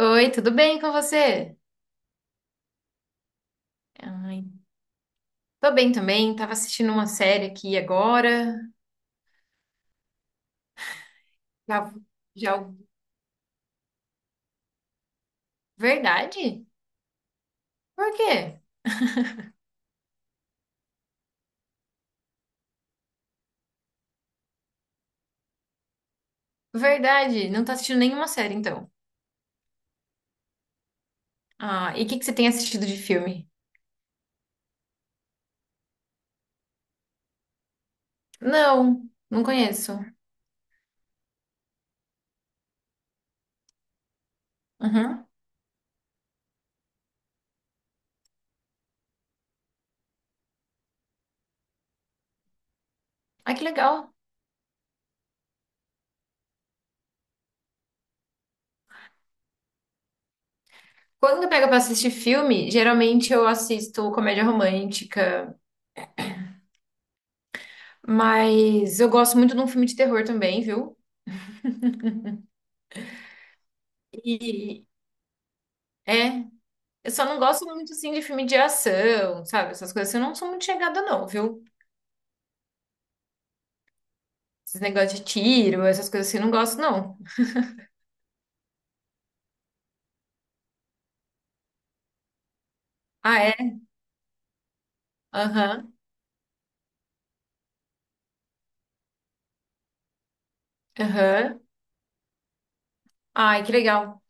Oi, tudo bem com você? Ai, tô bem também. Tava assistindo uma série aqui agora. Já, já- Verdade? Por quê? Verdade, não tá assistindo nenhuma série então. Ah, e o que que você tem assistido de filme? Não, não conheço. Uhum. Ah, que legal. Quando eu pego pra assistir filme, geralmente eu assisto comédia romântica, mas eu gosto muito de um filme de terror também, viu? E é. Eu só não gosto muito, assim, de filme de ação, sabe? Essas coisas assim, eu não sou muito chegada, não, viu? Esses negócios de tiro, essas coisas assim, eu não gosto, não. Ah, é? Aham, aham. Ai, que legal.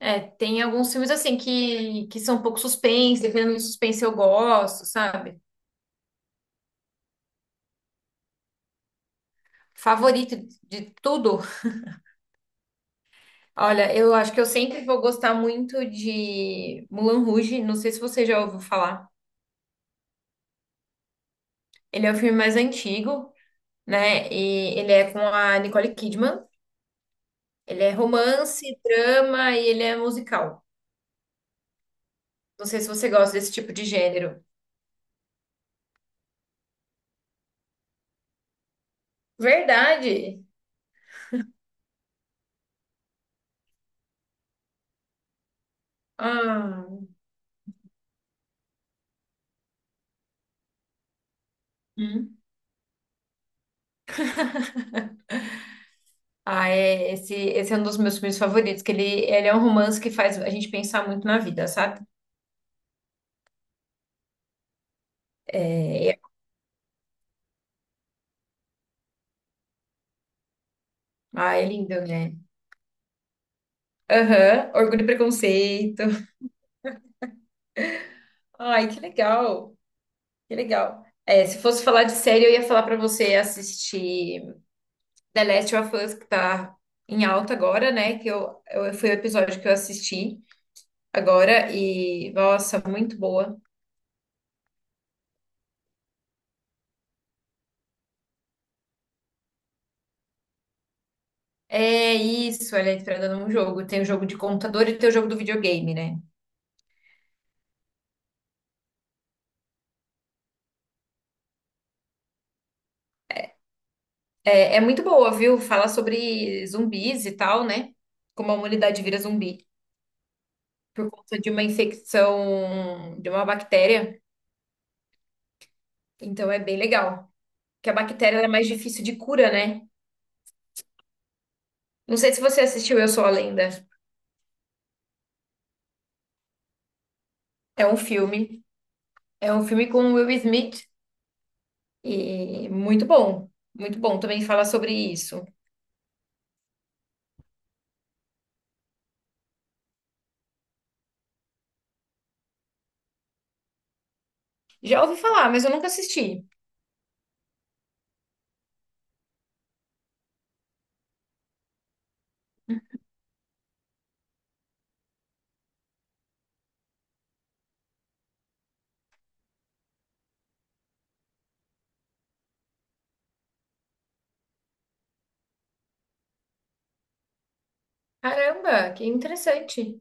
É, tem alguns filmes, assim, que são um pouco suspense, dependendo do suspense eu gosto, sabe? Favorito de tudo. Olha, eu acho que eu sempre vou gostar muito de Moulin Rouge, não sei se você já ouviu falar. Ele é o filme mais antigo, né? E ele é com a Nicole Kidman. Ele é romance, drama e ele é musical. Não sei se você gosta desse tipo de gênero. Verdade. Ah, hum. Ah, é, esse é um dos meus filmes favoritos, que ele é um romance que faz a gente pensar muito na vida, sabe? É, é- ah, é lindo, né? Aham, Orgulho e Preconceito. Ai, que legal, que legal. É, se fosse falar de série, eu ia falar pra você assistir The Last of Us, que tá em alta agora, né? Que eu foi o episódio que eu assisti. Agora e, nossa, muito boa. É isso, ela é inspirada num jogo. Tem o jogo de computador e tem o jogo do videogame, né? É, é muito boa, viu? Fala sobre zumbis e tal, né? Como a humanidade vira zumbi por conta de uma infecção de uma bactéria. Então é bem legal. Que a bactéria ela é mais difícil de cura, né? Não sei se você assistiu Eu Sou a Lenda. É um filme. É um filme com o Will Smith e muito bom. Muito bom. Também fala sobre isso. Já ouvi falar, mas eu nunca assisti. Caramba, que interessante.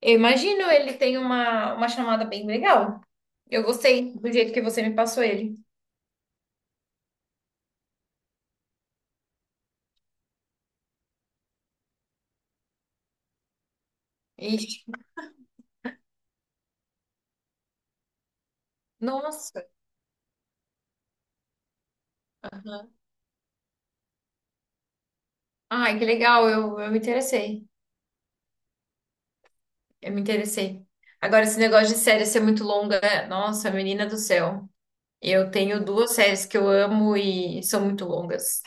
Eu imagino ele tem uma chamada bem legal. Eu gostei do jeito que você me passou ele. Ixi, nossa. Aham. Ai, que legal, eu me interessei. Eu me interessei. Agora, esse negócio de série ser muito longa, nossa, menina do céu. Eu tenho duas séries que eu amo e são muito longas.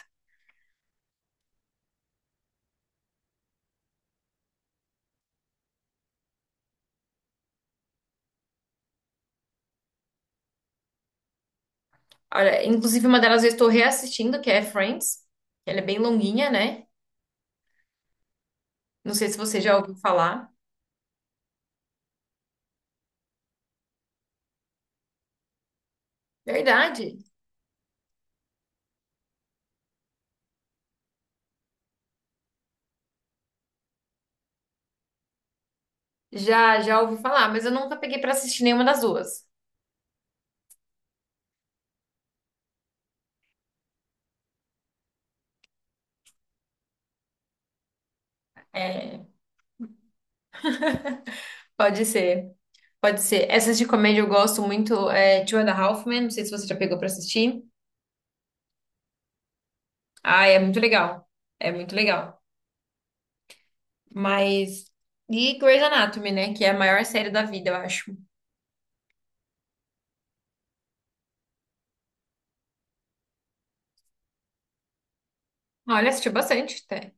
Olha, inclusive, uma delas eu estou reassistindo, que é Friends. Ela é bem longuinha, né? Não sei se você já ouviu falar. Verdade. Já ouvi falar, mas eu nunca peguei pra assistir nenhuma das duas. É, pode ser, pode ser. Essas de comédia eu gosto muito, é Two and a Half Men, não sei se você já pegou pra assistir. Ah, é muito legal, é muito legal. Mas, e Grey's Anatomy, né, que é a maior série da vida, eu acho. Olha, assisti bastante até.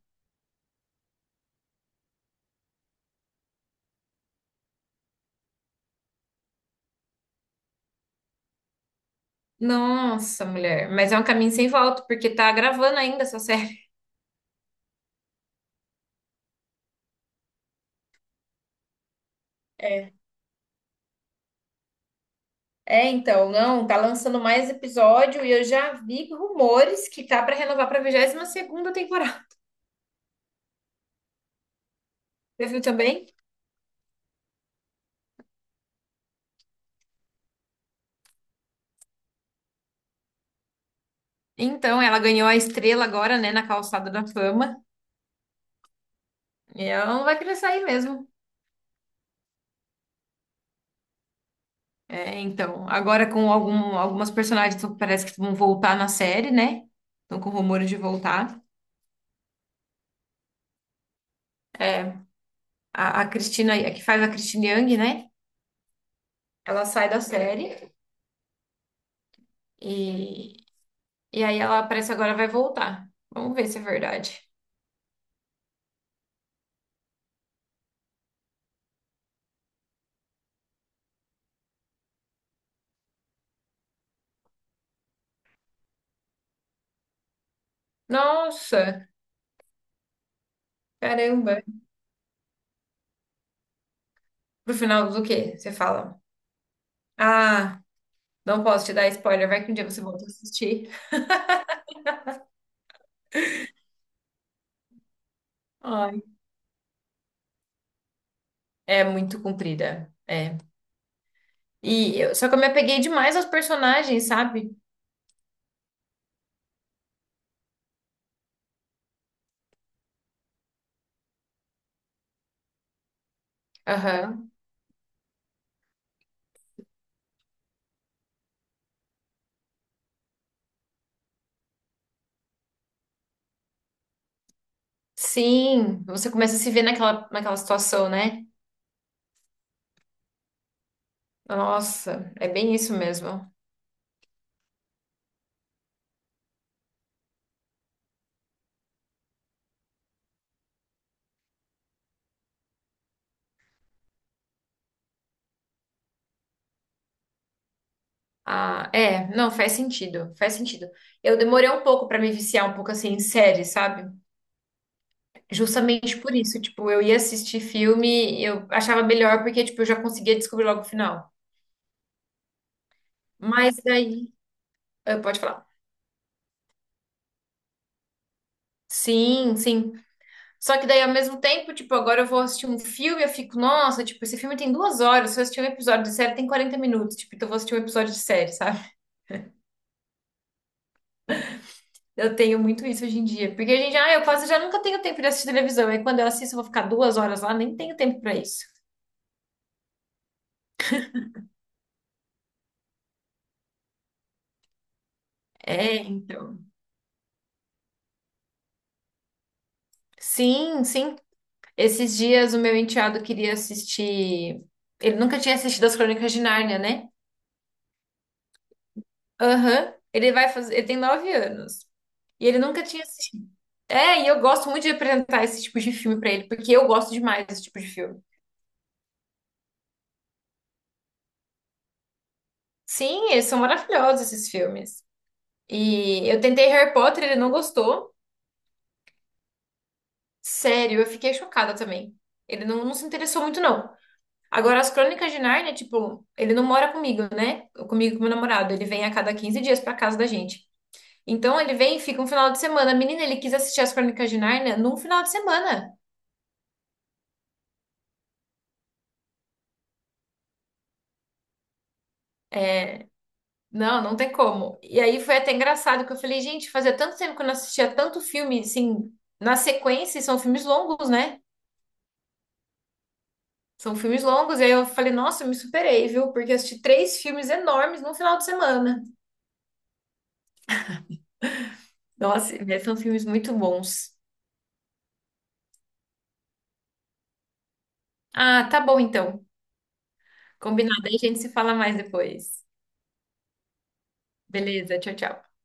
Nossa, mulher, mas é um caminho sem volta, porque tá gravando ainda essa série. É. É, então, não, tá lançando mais episódio e eu já vi rumores que tá pra renovar pra 22ª temporada. Você viu também? Então, ela ganhou a estrela agora, né, na Calçada da Fama. E ela não vai querer sair mesmo. É, então, agora com algumas personagens que parece que vão voltar na série, né? Estão com rumores de voltar. A Cristina, a que faz a Christine Yang, né? Ela sai da série e, e aí ela parece agora vai voltar. Vamos ver se é verdade. Nossa, caramba. Pro final do quê? Você fala, ah, não posso te dar spoiler, vai que um dia você volta a assistir. Ah, é muito comprida. É. Só que eu me apeguei demais aos personagens, sabe? Aham. Sim, você começa a se ver naquela situação, né? Nossa, é bem isso mesmo. Ah, é, não, faz sentido, faz sentido. Eu demorei um pouco pra me viciar um pouco assim em série, sabe? Justamente por isso, tipo, eu ia assistir filme, eu achava melhor porque tipo, eu já conseguia descobrir logo o final. Mas daí, ah, pode falar. Sim, sim. Só que daí, ao mesmo tempo, tipo, agora eu vou assistir um filme, eu fico, nossa, tipo, esse filme tem 2 horas, se eu assistir um episódio de série tem 40 minutos, tipo, então eu vou assistir um episódio de série, sabe? Eu tenho muito isso hoje em dia, porque a gente, ah, eu quase já nunca tenho tempo de assistir televisão, aí quando eu assisto eu vou ficar 2 horas lá, nem tenho tempo pra isso. É, então. Sim, sim. Esses dias o meu enteado queria assistir. Ele nunca tinha assistido As Crônicas de Nárnia, né? Aham. Ele vai fazer. Ele tem 9 anos. E ele nunca tinha assistido. É, e eu gosto muito de apresentar esse tipo de filme pra ele, porque eu gosto demais desse tipo de filme. Sim, eles são maravilhosos, esses filmes. E eu tentei Harry Potter, ele não gostou. Sério, eu fiquei chocada também. Ele não, não se interessou muito, não. Agora, as Crônicas de Nárnia, tipo, ele não mora comigo, né? Comigo e com meu namorado. Ele vem a cada 15 dias pra casa da gente. Então, ele vem e fica um final de semana. Menina, ele quis assistir as Crônicas de Nárnia num final de semana. Não, não tem como. E aí foi até engraçado que eu falei, gente, fazia tanto tempo que eu não assistia tanto filme, assim, na sequência, e são filmes longos, né? São filmes longos. E aí eu falei, nossa, eu me superei, viu? Porque eu assisti três filmes enormes num final de semana. Nossa, mas são filmes muito bons. Ah, tá bom então. Combinado, aí a gente se fala mais depois. Beleza, tchau, tchau.